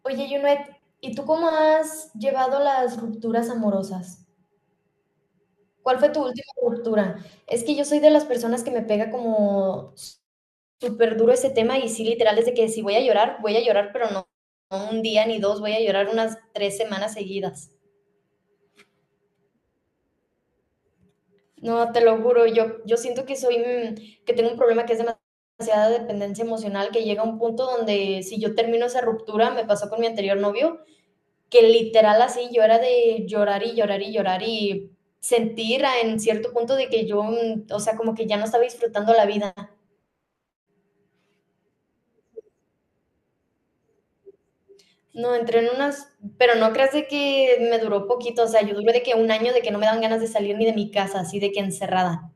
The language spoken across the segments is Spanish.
Oye, Junet, ¿y tú cómo has llevado las rupturas amorosas? ¿Cuál fue tu última ruptura? Es que yo soy de las personas que me pega como súper duro ese tema y sí, literal, desde que si voy a llorar, voy a llorar, pero no, no un día ni dos, voy a llorar unas 3 semanas seguidas. No, te lo juro, yo siento que soy, que tengo un problema que es demasiada dependencia emocional, que llega a un punto donde si yo termino esa ruptura, me pasó con mi anterior novio, que literal así yo era de llorar y llorar y llorar y sentir en cierto punto de que yo, o sea, como que ya no estaba disfrutando la vida. No, entré en unas, pero no creas de que me duró poquito, o sea, yo duré de que un año de que no me dan ganas de salir ni de mi casa, así de que encerrada.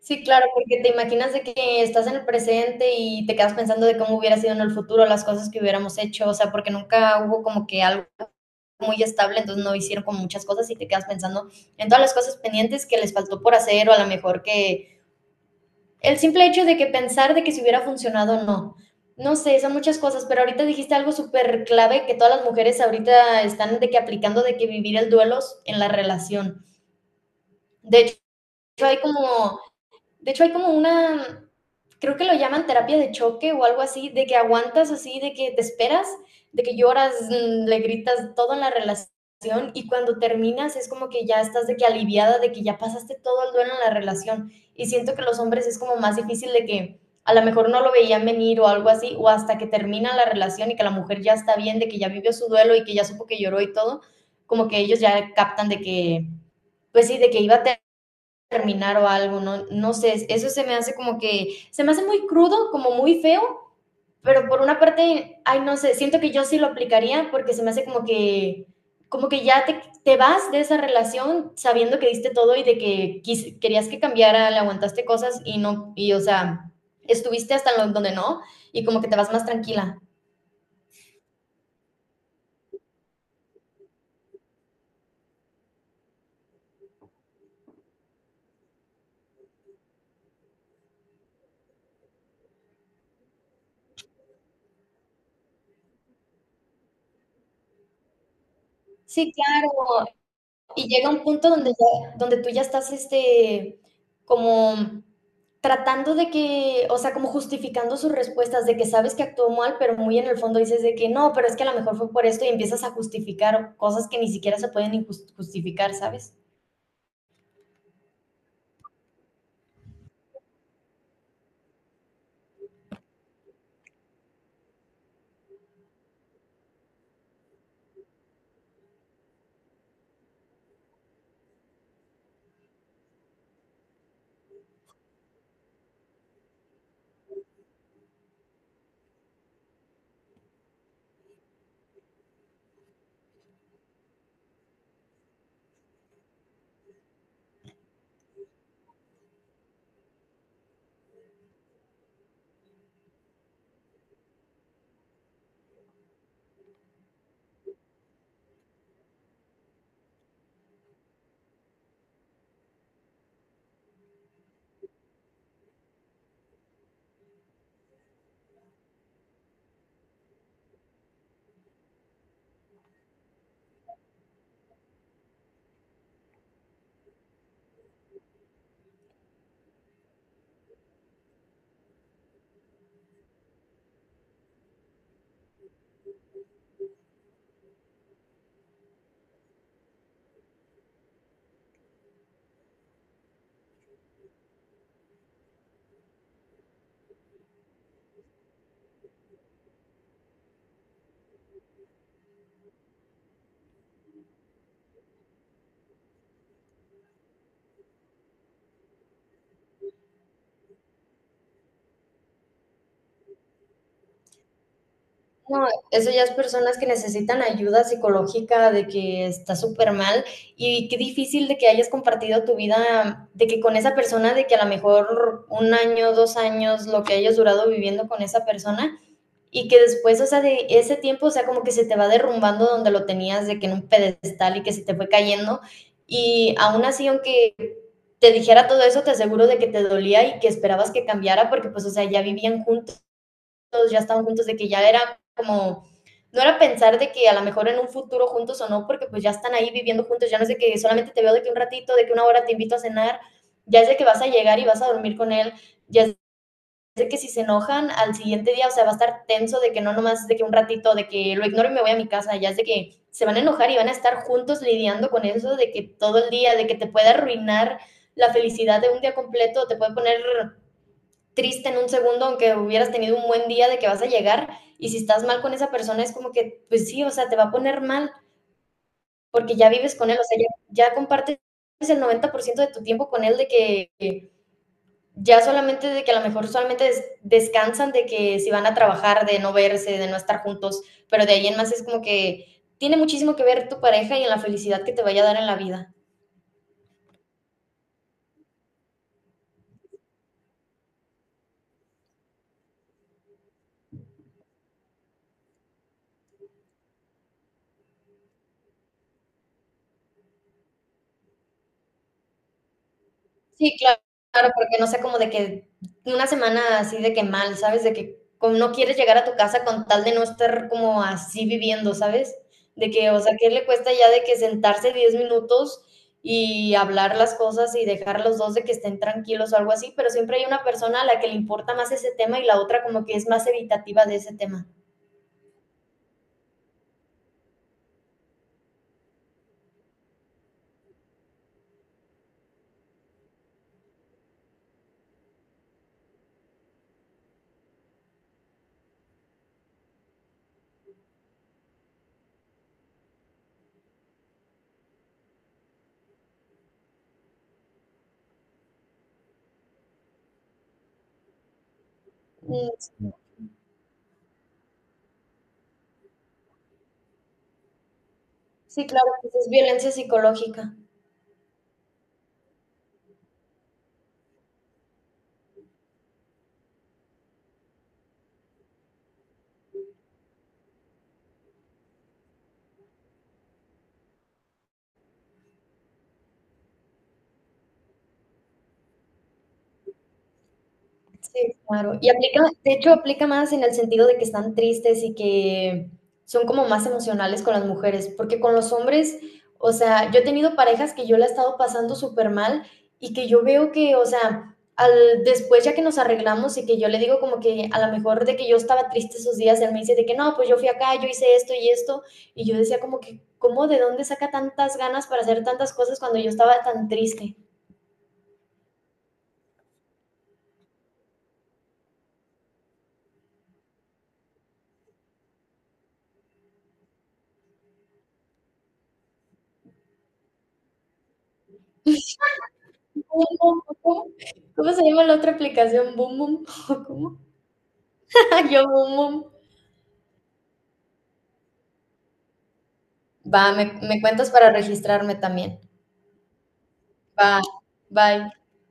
Sí, claro, porque te imaginas de que estás en el presente y te quedas pensando de cómo hubiera sido en el futuro las cosas que hubiéramos hecho, o sea, porque nunca hubo como que algo muy estable, entonces no hicieron como muchas cosas y te quedas pensando en todas las cosas pendientes que les faltó por hacer o a lo mejor que el simple hecho de que pensar de que si hubiera funcionado o no. No sé, son muchas cosas, pero ahorita dijiste algo súper clave que todas las mujeres ahorita están de que aplicando de que vivir el duelo en la relación. De hecho, hay como hay como una, creo que lo llaman terapia de choque o algo así, de que aguantas así, de que te esperas, de que lloras, le gritas todo en la relación y cuando terminas es como que ya estás de que aliviada, de que ya pasaste todo el duelo en la relación. Y siento que los hombres es como más difícil de que a lo mejor no lo veían venir o algo así, o hasta que termina la relación y que la mujer ya está bien, de que ya vivió su duelo y que ya supo que lloró y todo, como que ellos ya captan de que, pues sí, de que iba a terminar o algo, no, no sé, eso se me hace como que, se me hace muy crudo, como muy feo, pero por una parte, ay, no sé, siento que yo sí lo aplicaría porque se me hace como que ya te vas de esa relación sabiendo que diste todo y de que querías que cambiara, le aguantaste cosas y no, y o sea, estuviste hasta donde no y como que te vas más tranquila. Sí, claro. Y llega un punto donde, donde tú ya estás, como tratando de que, o sea, como justificando sus respuestas, de que sabes que actuó mal, pero muy en el fondo dices de que no, pero es que a lo mejor fue por esto y empiezas a justificar cosas que ni siquiera se pueden ni justificar, ¿sabes? No, eso ya es personas que necesitan ayuda psicológica de que está súper mal y qué difícil de que hayas compartido tu vida, de que con esa persona, de que a lo mejor un año, 2 años, lo que hayas durado viviendo con esa persona, y que después, o sea, de ese tiempo, o sea, como que se te va derrumbando donde lo tenías, de que en un pedestal y que se te fue cayendo. Y aún así, aunque te dijera todo eso, te aseguro de que te dolía y que esperabas que cambiara, porque pues, o sea, ya vivían juntos, ya estaban juntos, de que ya era como, no era pensar de que a lo mejor en un futuro juntos o no, porque pues ya están ahí viviendo juntos, ya no es de que solamente te veo de que un ratito, de que una hora te invito a cenar, ya es de que vas a llegar y vas a dormir con él, ya es de que si se enojan al siguiente día, o sea, va a estar tenso de que no nomás de que un ratito, de que lo ignoro y me voy a mi casa, ya es de que se van a enojar y van a estar juntos lidiando con eso, de que todo el día, de que te puede arruinar la felicidad de un día completo, te puede poner triste en un segundo, aunque hubieras tenido un buen día de que vas a llegar, y si estás mal con esa persona es como que, pues sí, o sea, te va a poner mal, porque ya vives con él, o sea, ya compartes el 90% de tu tiempo con él, de que ya solamente de que a lo mejor solamente descansan de que si van a trabajar, de no verse, de no estar juntos, pero de ahí en más es como que tiene muchísimo que ver tu pareja y en la felicidad que te vaya a dar en la vida. Sí, claro, claro, porque no sea como de que una semana así de que mal, ¿sabes? De que como no quieres llegar a tu casa con tal de no estar como así viviendo, ¿sabes? De que, o sea, ¿qué le cuesta ya de que sentarse 10 minutos y hablar las cosas y dejar a los dos de que estén tranquilos o algo así? Pero siempre hay una persona a la que le importa más ese tema y la otra como que es más evitativa de ese tema. Mm. Sí, claro, pues es violencia psicológica. Sí, claro. Y aplica, de hecho, aplica más en el sentido de que están tristes y que son como más emocionales con las mujeres, porque con los hombres, o sea, yo he tenido parejas que yo la he estado pasando súper mal y que yo veo que, o sea, después ya que nos arreglamos y que yo le digo como que a lo mejor de que yo estaba triste esos días, él me dice de que no, pues yo fui acá, yo hice esto y esto, y yo decía como que, ¿cómo de dónde saca tantas ganas para hacer tantas cosas cuando yo estaba tan triste? Boom, boom, boom. ¿Cómo se llama la otra aplicación? ¿Boom, boom? ¿O ¿Cómo? Yo, boom, boom. Va, me cuentas para registrarme también. Va, bye.